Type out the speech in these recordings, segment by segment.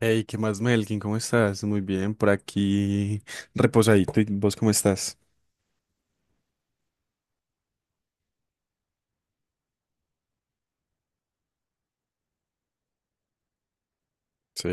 Hey, ¿qué más, Melkin? ¿Cómo estás? Muy bien, por aquí reposadito. ¿Y vos cómo estás? Sí.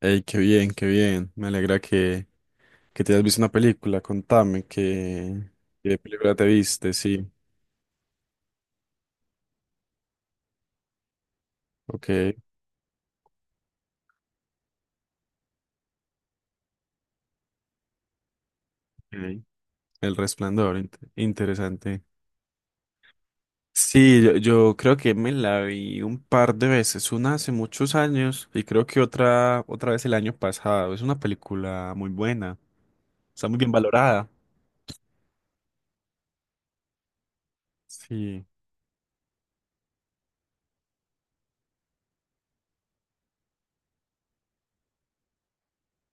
Hey, qué bien, qué bien. Me alegra que te hayas visto una película. Contame, ¿qué película te viste? Sí. Ok. Ok. El Resplandor, interesante. Sí, yo creo que me la vi un par de veces, una hace muchos años y creo que otra, otra vez el año pasado. Es una película muy buena, está muy bien valorada. Sí.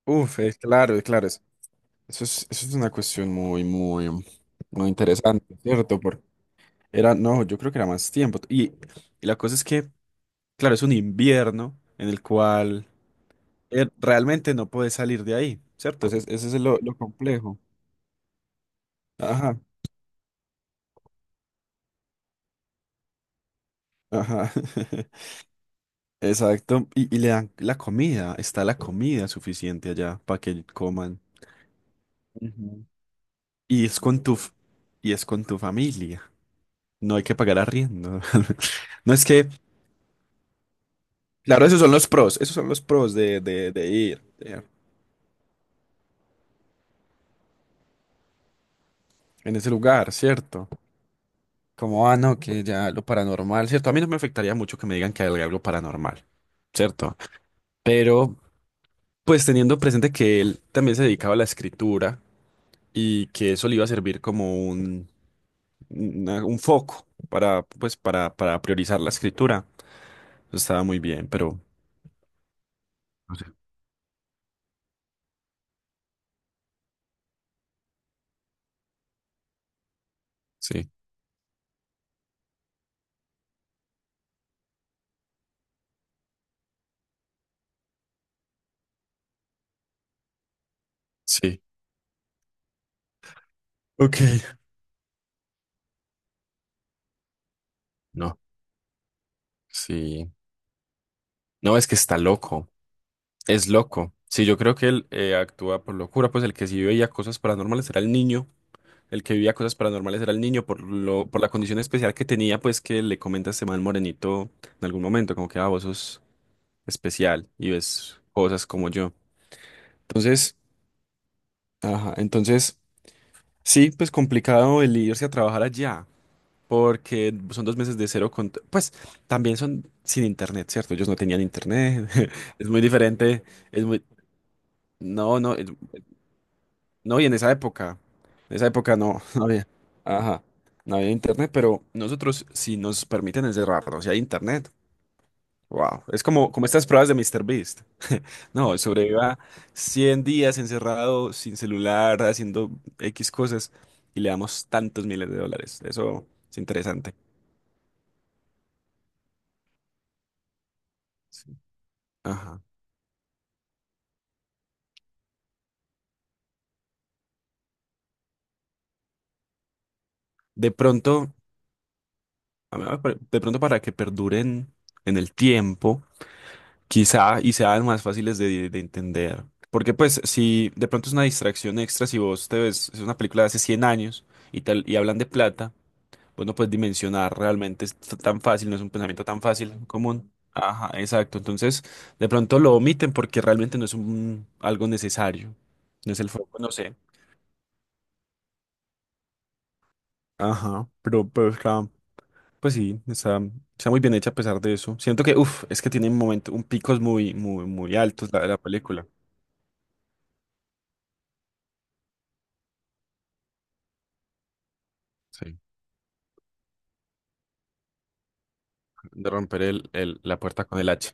Uf, es claro, es claro. Eso es una cuestión muy, muy, muy interesante, ¿cierto? Porque era, no, yo creo que era más tiempo. Y la cosa es que, claro, es un invierno en el cual realmente no puedes salir de ahí, ¿cierto? Ese es lo complejo. Ajá, ajá. Exacto. Y le dan la comida, está la comida suficiente allá para que coman. Ujú. Y es con tu, f- y es con tu familia. No hay que pagar arriendo. No es que claro, esos son los pros, esos son los pros de ir en ese lugar, ¿cierto? Como, ah, no, que ya lo paranormal, ¿cierto? A mí no me afectaría mucho que me digan que hay algo paranormal, ¿cierto? Pero, pues teniendo presente que él también se dedicaba a la escritura y que eso le iba a servir como un foco para, pues, para priorizar la escritura, eso estaba muy bien, pero no sé. Sí, sí. Ok. No, sí. No, es que está loco. Es loco. Sí, yo creo que él actúa por locura, pues el que sí veía cosas paranormales era el niño, el que vivía cosas paranormales era el niño por lo, por la condición especial que tenía, pues que le comenta este man morenito en algún momento, como que ah, vos sos especial y ves cosas como yo. Entonces, ajá, entonces sí, pues complicado el irse a trabajar allá, porque son 2 meses de cero con, pues también son sin internet, ¿cierto? Ellos no tenían internet. Es muy diferente, es muy, no, no. No, y en esa época no, no había, ajá, no había internet, pero nosotros si nos permiten encerrarnos y hay internet, wow, es como, como estas pruebas de Mister Beast. No, sobreviva 100 días encerrado sin celular, haciendo X cosas y le damos tantos miles de dólares. Eso es interesante. Sí. Ajá. De pronto, a mí me pare- de pronto para que perduren en el tiempo, quizá y sean más fáciles de entender. Porque pues si de pronto es una distracción extra, si vos te ves, es una película de hace 100 años y tal, y hablan de plata, vos no puedes dimensionar realmente tan fácil, no es un pensamiento tan fácil, común. Ajá, exacto. Entonces, de pronto lo omiten porque realmente no es un, algo necesario. No es el foco, no sé. Ajá, pues sí, está, está muy bien hecha a pesar de eso. Siento que, uff, es que tiene un momento, un picos muy, muy, muy altos la, la película. Sí. De romper la puerta con el hacha.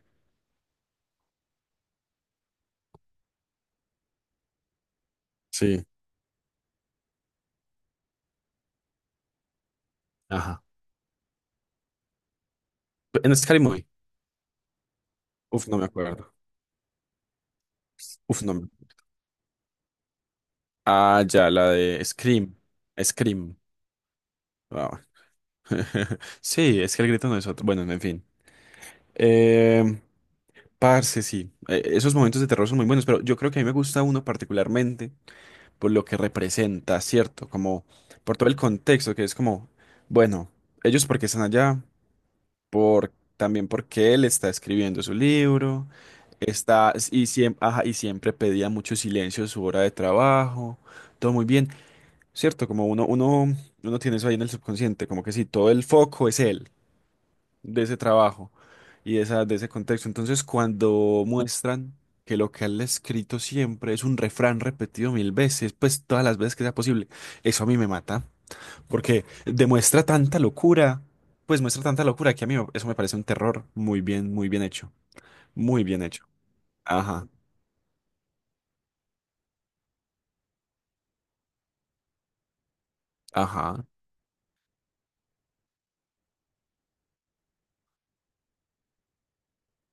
Sí, ajá. En Scary Movie. Uf, no me acuerdo. Uf, no me… Ah, ya, la de Scream. Scream. Wow. Sí, es que el grito no es otro. Bueno, en fin. Eh, parce, sí. Esos momentos de terror son muy buenos, pero yo creo que a mí me gusta uno particularmente por lo que representa, ¿cierto? Como por todo el contexto, que es como, bueno, ellos porque están allá. Por, también porque él está escribiendo su libro, está, y, ajá, y siempre pedía mucho silencio en su hora de trabajo, todo muy bien, ¿cierto? Como uno tiene eso ahí en el subconsciente, como que sí, todo el foco es él, de ese trabajo y de, esa, de ese contexto. Entonces, cuando muestran que lo que él ha escrito siempre es un refrán repetido 1000 veces, pues todas las veces que sea posible, eso a mí me mata. Porque demuestra tanta locura, pues muestra tanta locura que eso me parece un terror muy bien hecho, muy bien hecho. Ajá, ajá.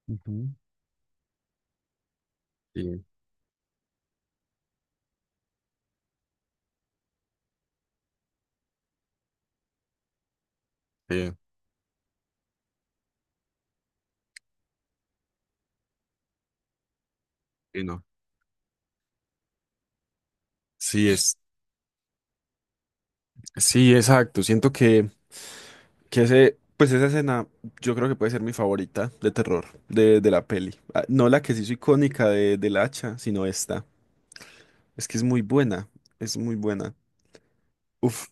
Ujú. Sí, sí, sí, no. Sí, es, sí, exacto. Siento que ese, pues esa escena yo creo que puede ser mi favorita de terror de la peli. Ah, no la que se hizo icónica de, del hacha, sino esta. Es que es muy buena, es muy buena. Uf,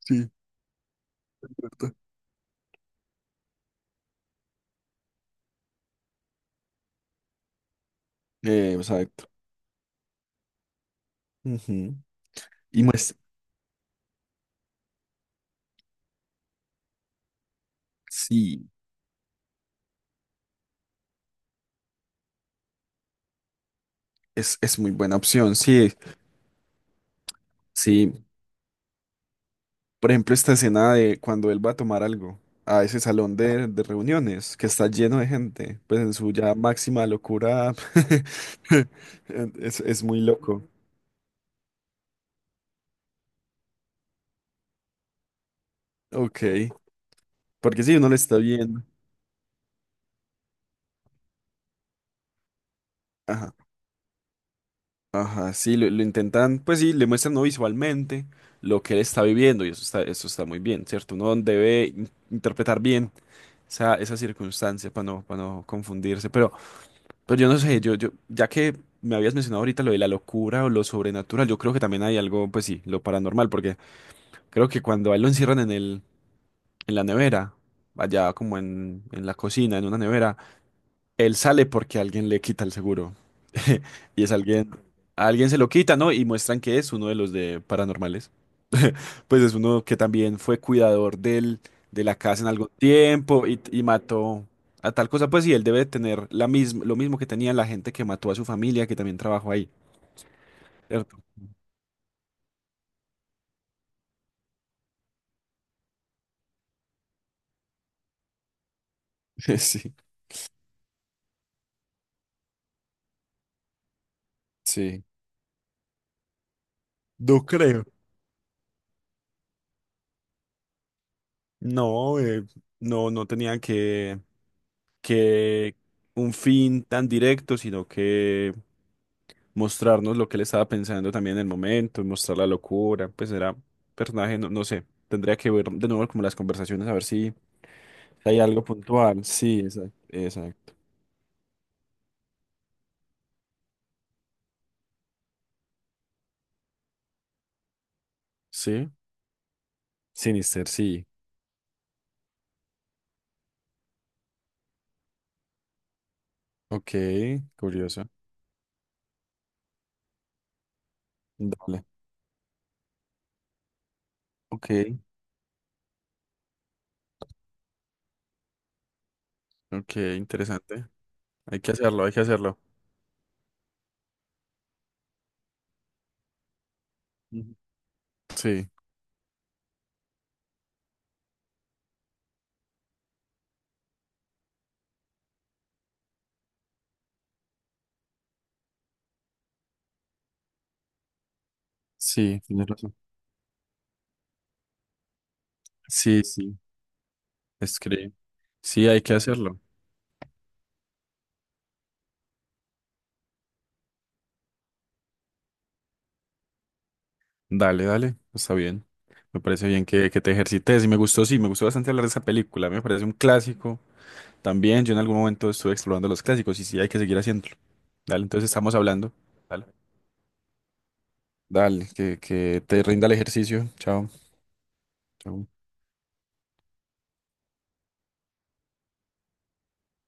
sí, ¿verdad? Exacto. Ujú. Y muestra, sí. Es muy buena opción, sí, sí. Por ejemplo, esta escena de cuando él va a tomar algo a ese salón de reuniones que está lleno de gente, pues en su ya máxima locura, es muy loco. Ok, porque sí, uno lo está viendo. Ajá, ajá, sí, lo intentan, pues sí, le muestran no visualmente lo que él está viviendo y eso está muy bien, ¿cierto? Uno debe interpretar bien esa, esa circunstancia para no confundirse, pero… Pero yo no sé, ya que me habías mencionado ahorita lo de la locura o lo sobrenatural, yo creo que también hay algo, pues sí, lo paranormal, porque creo que cuando a él lo encierran en la nevera, allá como en la cocina, en una nevera, él sale porque alguien le quita el seguro. Y es alguien, a alguien se lo quita, ¿no? Y muestran que es uno de los de paranormales, pues es uno que también fue cuidador del, de la casa en algún tiempo y mató a tal cosa, pues sí, él debe tener la misma, lo mismo que tenía la gente que mató a su familia, que también trabajó ahí, ¿cierto? Sí, sí. No creo. No, no, no tenían que un fin tan directo, sino que mostrarnos lo que él estaba pensando también en el momento, mostrar la locura, pues era personaje, no, no sé, tendría que ver de nuevo como las conversaciones, a ver si… Hay algo puntual, sí, exacto, exacto. Sí, Sinister, sí. Ok, curioso. Dale. Ok. Ok, interesante. Hay que hacerlo, hay que hacerlo. Ujú. Sí, sí, tienes razón. Sí, sí, escribe. Sí, hay que hacerlo. Dale, dale, está bien. Me parece bien que te ejercites y me gustó, sí, me gustó bastante hablar de esa película. Me parece un clásico. También yo en algún momento estuve explorando los clásicos y sí, hay que seguir haciéndolo. Dale, entonces estamos hablando. Dale. Dale, que te rinda el ejercicio. Chao. Chao.